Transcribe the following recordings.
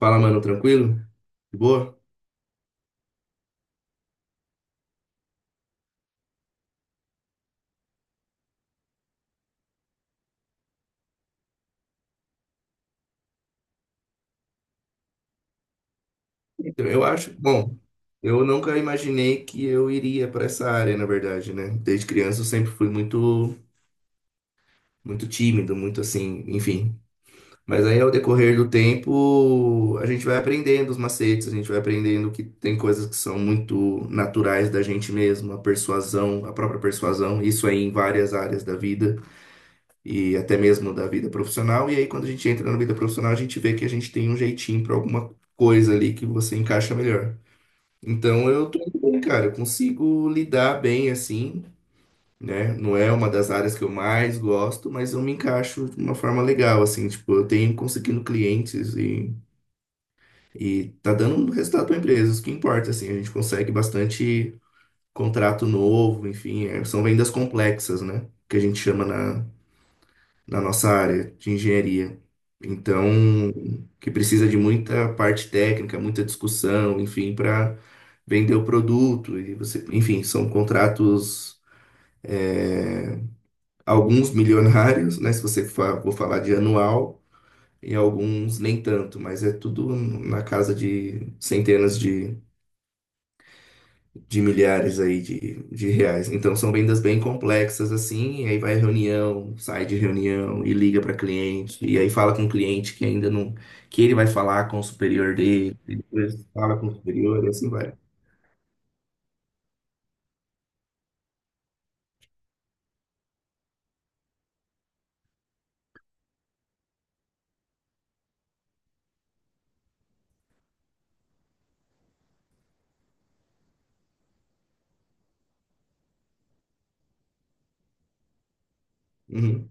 Fala, mano, tranquilo? De boa? Então, eu acho, bom, eu nunca imaginei que eu iria para essa área, na verdade, né? Desde criança eu sempre fui muito, muito tímido, muito assim, enfim. Mas aí ao decorrer do tempo, a gente vai aprendendo os macetes, a gente vai aprendendo que tem coisas que são muito naturais da gente mesmo, a persuasão, a própria persuasão, isso aí em várias áreas da vida. E até mesmo da vida profissional. E aí, quando a gente entra na vida profissional, a gente vê que a gente tem um jeitinho para alguma coisa ali que você encaixa melhor. Então, eu tô indo bem, cara, eu consigo lidar bem assim, né? Não é uma das áreas que eu mais gosto, mas eu me encaixo de uma forma legal, assim, tipo, eu tenho conseguindo clientes e tá dando um resultado para empresa o que importa, assim, a gente consegue bastante contrato novo, enfim, são vendas complexas, né? Que a gente chama na nossa área de engenharia. Então, que precisa de muita parte técnica, muita discussão, enfim, para vender o produto. E você, enfim, são contratos, é, alguns milionários, né? Se você for falar de anual, e alguns nem tanto, mas é tudo na casa de centenas de milhares aí de reais. Então são vendas bem complexas assim, e aí vai reunião, sai de reunião e liga para cliente, e aí fala com o cliente que ainda não, que ele vai falar com o superior dele, e depois fala com o superior e assim vai. Uhum.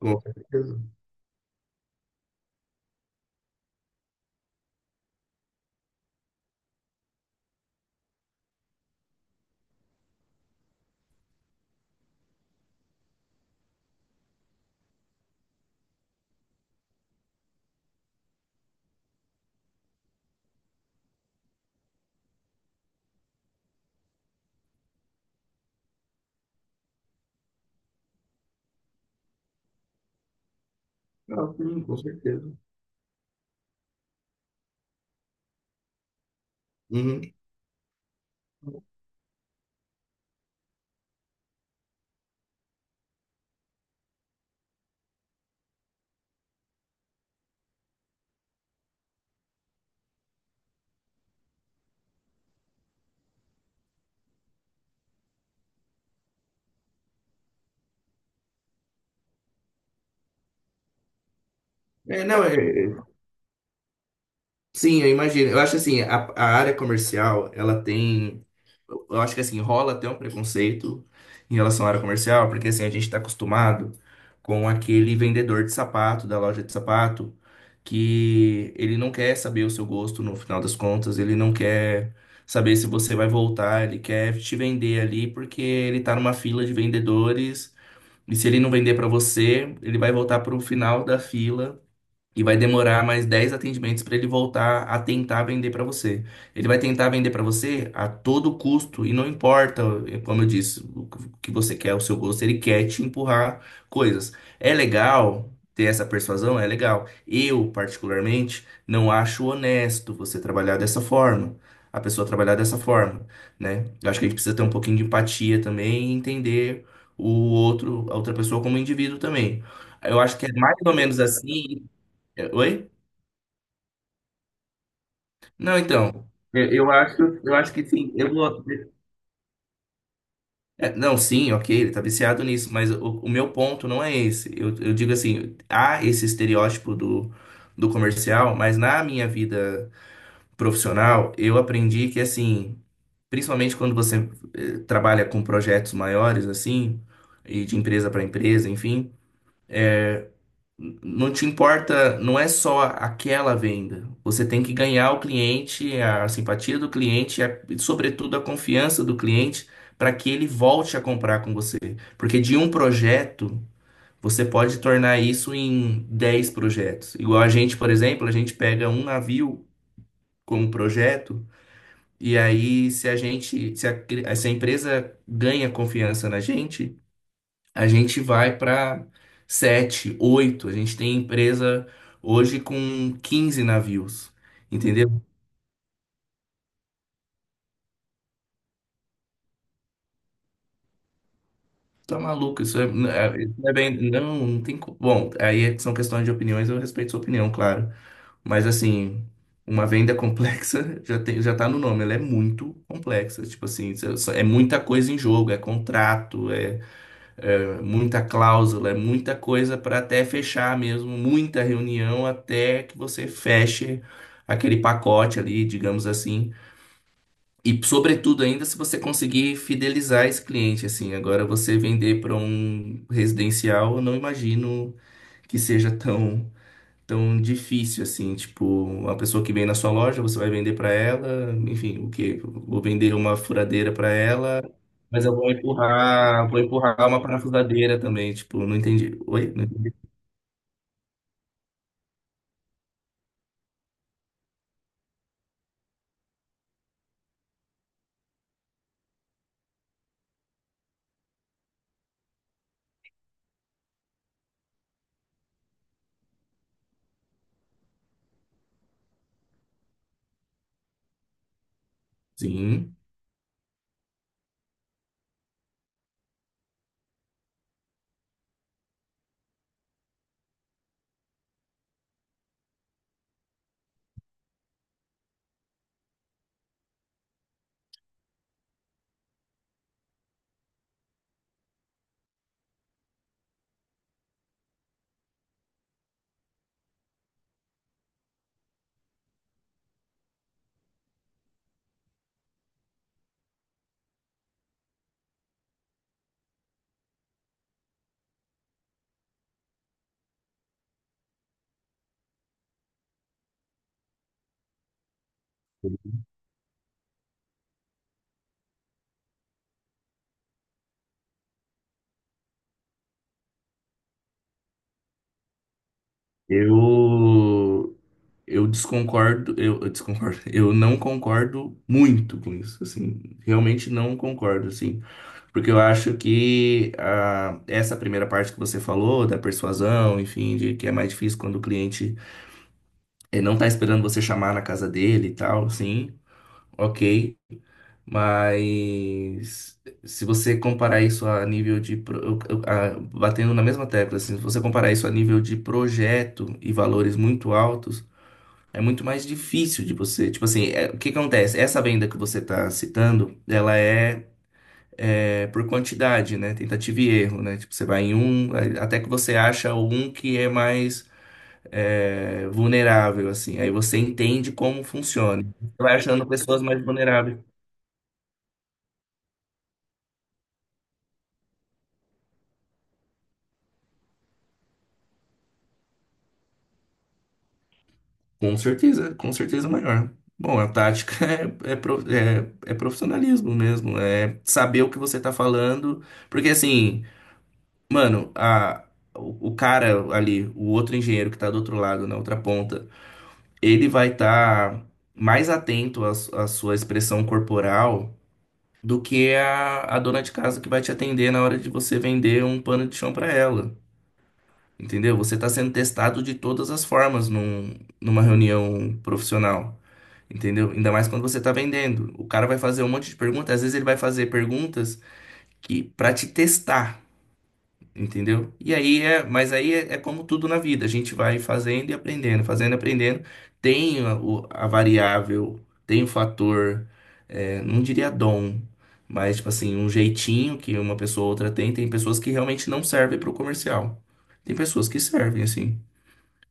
Com certeza. Não, sim, com certeza. Uhum. É, não, é, sim, eu imagino. Eu acho assim, a área comercial, ela tem eu acho que assim, rola até um preconceito em relação à área comercial, porque assim, a gente está acostumado com aquele vendedor de sapato, da loja de sapato, que ele não quer saber o seu gosto no final das contas, ele não quer saber se você vai voltar, ele quer te vender ali porque ele tá numa fila de vendedores, e se ele não vender para você, ele vai voltar pro final da fila e vai demorar mais 10 atendimentos para ele voltar a tentar vender para você. Ele vai tentar vender para você a todo custo, e não importa, como eu disse, o que você quer, o seu gosto, ele quer te empurrar coisas. É legal ter essa persuasão? É legal. Eu, particularmente, não acho honesto você trabalhar dessa forma. A pessoa trabalhar dessa forma, né? Eu acho que a gente precisa ter um pouquinho de empatia também e entender o outro, a outra pessoa como indivíduo também. Eu acho que é mais ou menos assim. Oi? Não, então. Eu acho, eu acho que sim. Eu vou... Não, sim, ok, ele tá viciado nisso, mas o meu ponto não é esse. Eu digo assim, há esse estereótipo do comercial, mas na minha vida profissional, eu aprendi que, assim, principalmente quando você trabalha com projetos maiores, assim, e de empresa para empresa, enfim. Não te importa, não é só aquela venda. Você tem que ganhar o cliente, a simpatia do cliente e, sobretudo, a confiança do cliente para que ele volte a comprar com você. Porque de um projeto, você pode tornar isso em 10 projetos. Igual a gente, por exemplo, a gente pega um navio como projeto e aí se a empresa ganha confiança na gente, a gente vai para sete, oito. A gente tem empresa hoje com 15 navios. Entendeu? Tá maluco, isso não é bem. Não, não tem. Bom, aí são questões de opiniões, eu respeito sua opinião, claro. Mas assim, uma venda complexa já tem, já tá no nome, ela é muito complexa. Tipo assim, isso é muita coisa em jogo, é contrato, é muita cláusula, é muita coisa para até fechar mesmo, muita reunião até que você feche aquele pacote ali, digamos assim. E sobretudo ainda se você conseguir fidelizar esse cliente assim. Agora você vender para um residencial, eu não imagino que seja tão tão difícil assim, tipo, uma pessoa que vem na sua loja, você vai vender pra ela, enfim, o quê? Vou vender uma furadeira pra ela, mas eu vou empurrar uma parafusadeira também, tipo, não entendi. Oi? Não entendi. Sim. Eu eu desconcordo, eu desconcordo. Eu não concordo muito com isso, assim, realmente não concordo, assim, porque eu acho que essa primeira parte que você falou da persuasão, enfim, de que é mais difícil quando o cliente. Ele não tá esperando você chamar na casa dele e tal, sim, ok. Mas se você comparar isso a nível de, batendo na mesma tecla, assim, se você comparar isso a nível de projeto e valores muito altos, é muito mais difícil de você. Tipo assim, o que que acontece? Essa venda que você está citando, ela é, por quantidade, né? Tentativa e erro, né? Tipo, você vai em um, até que você acha um que é mais vulnerável, assim. Aí você entende como funciona. Você vai achando pessoas mais vulneráveis. Com certeza maior. Bom, a tática é profissionalismo mesmo, é saber o que você tá falando, porque assim, mano, o cara ali, o outro engenheiro que tá do outro lado, na outra ponta, ele vai estar mais atento à sua expressão corporal do que a dona de casa que vai te atender na hora de você vender um pano de chão pra ela. Entendeu? Você está sendo testado de todas as formas numa reunião profissional. Entendeu? Ainda mais quando você está vendendo. O cara vai fazer um monte de perguntas, às vezes ele vai fazer perguntas que para te testar, entendeu? E aí mas aí é como tudo na vida, a gente vai fazendo e aprendendo, fazendo e aprendendo. Tem a variável, tem o fator, não diria dom, mas tipo assim, um jeitinho que uma pessoa ou outra tem. Tem pessoas que realmente não servem para o comercial. Tem pessoas que servem, assim.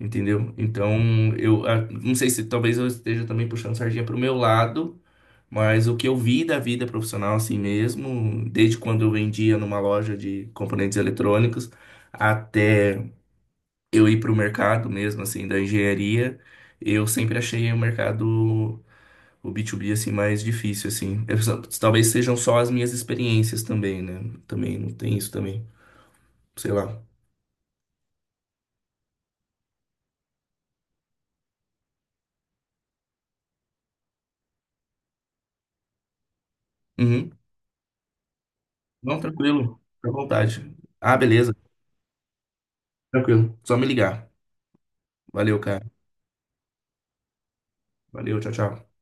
Entendeu? Então, eu não sei se talvez eu esteja também puxando sardinha para o meu lado, mas o que eu vi da vida profissional assim mesmo, desde quando eu vendia numa loja de componentes eletrônicos até eu ir para o mercado mesmo assim da engenharia, eu sempre achei o mercado o B2B assim mais difícil assim. Eu talvez sejam só as minhas experiências também, né? Também não tem isso também, sei lá. Uhum. Não, tranquilo, fica à vontade. Ah, beleza, tranquilo. Só me ligar. Valeu, cara. Valeu, tchau, tchau.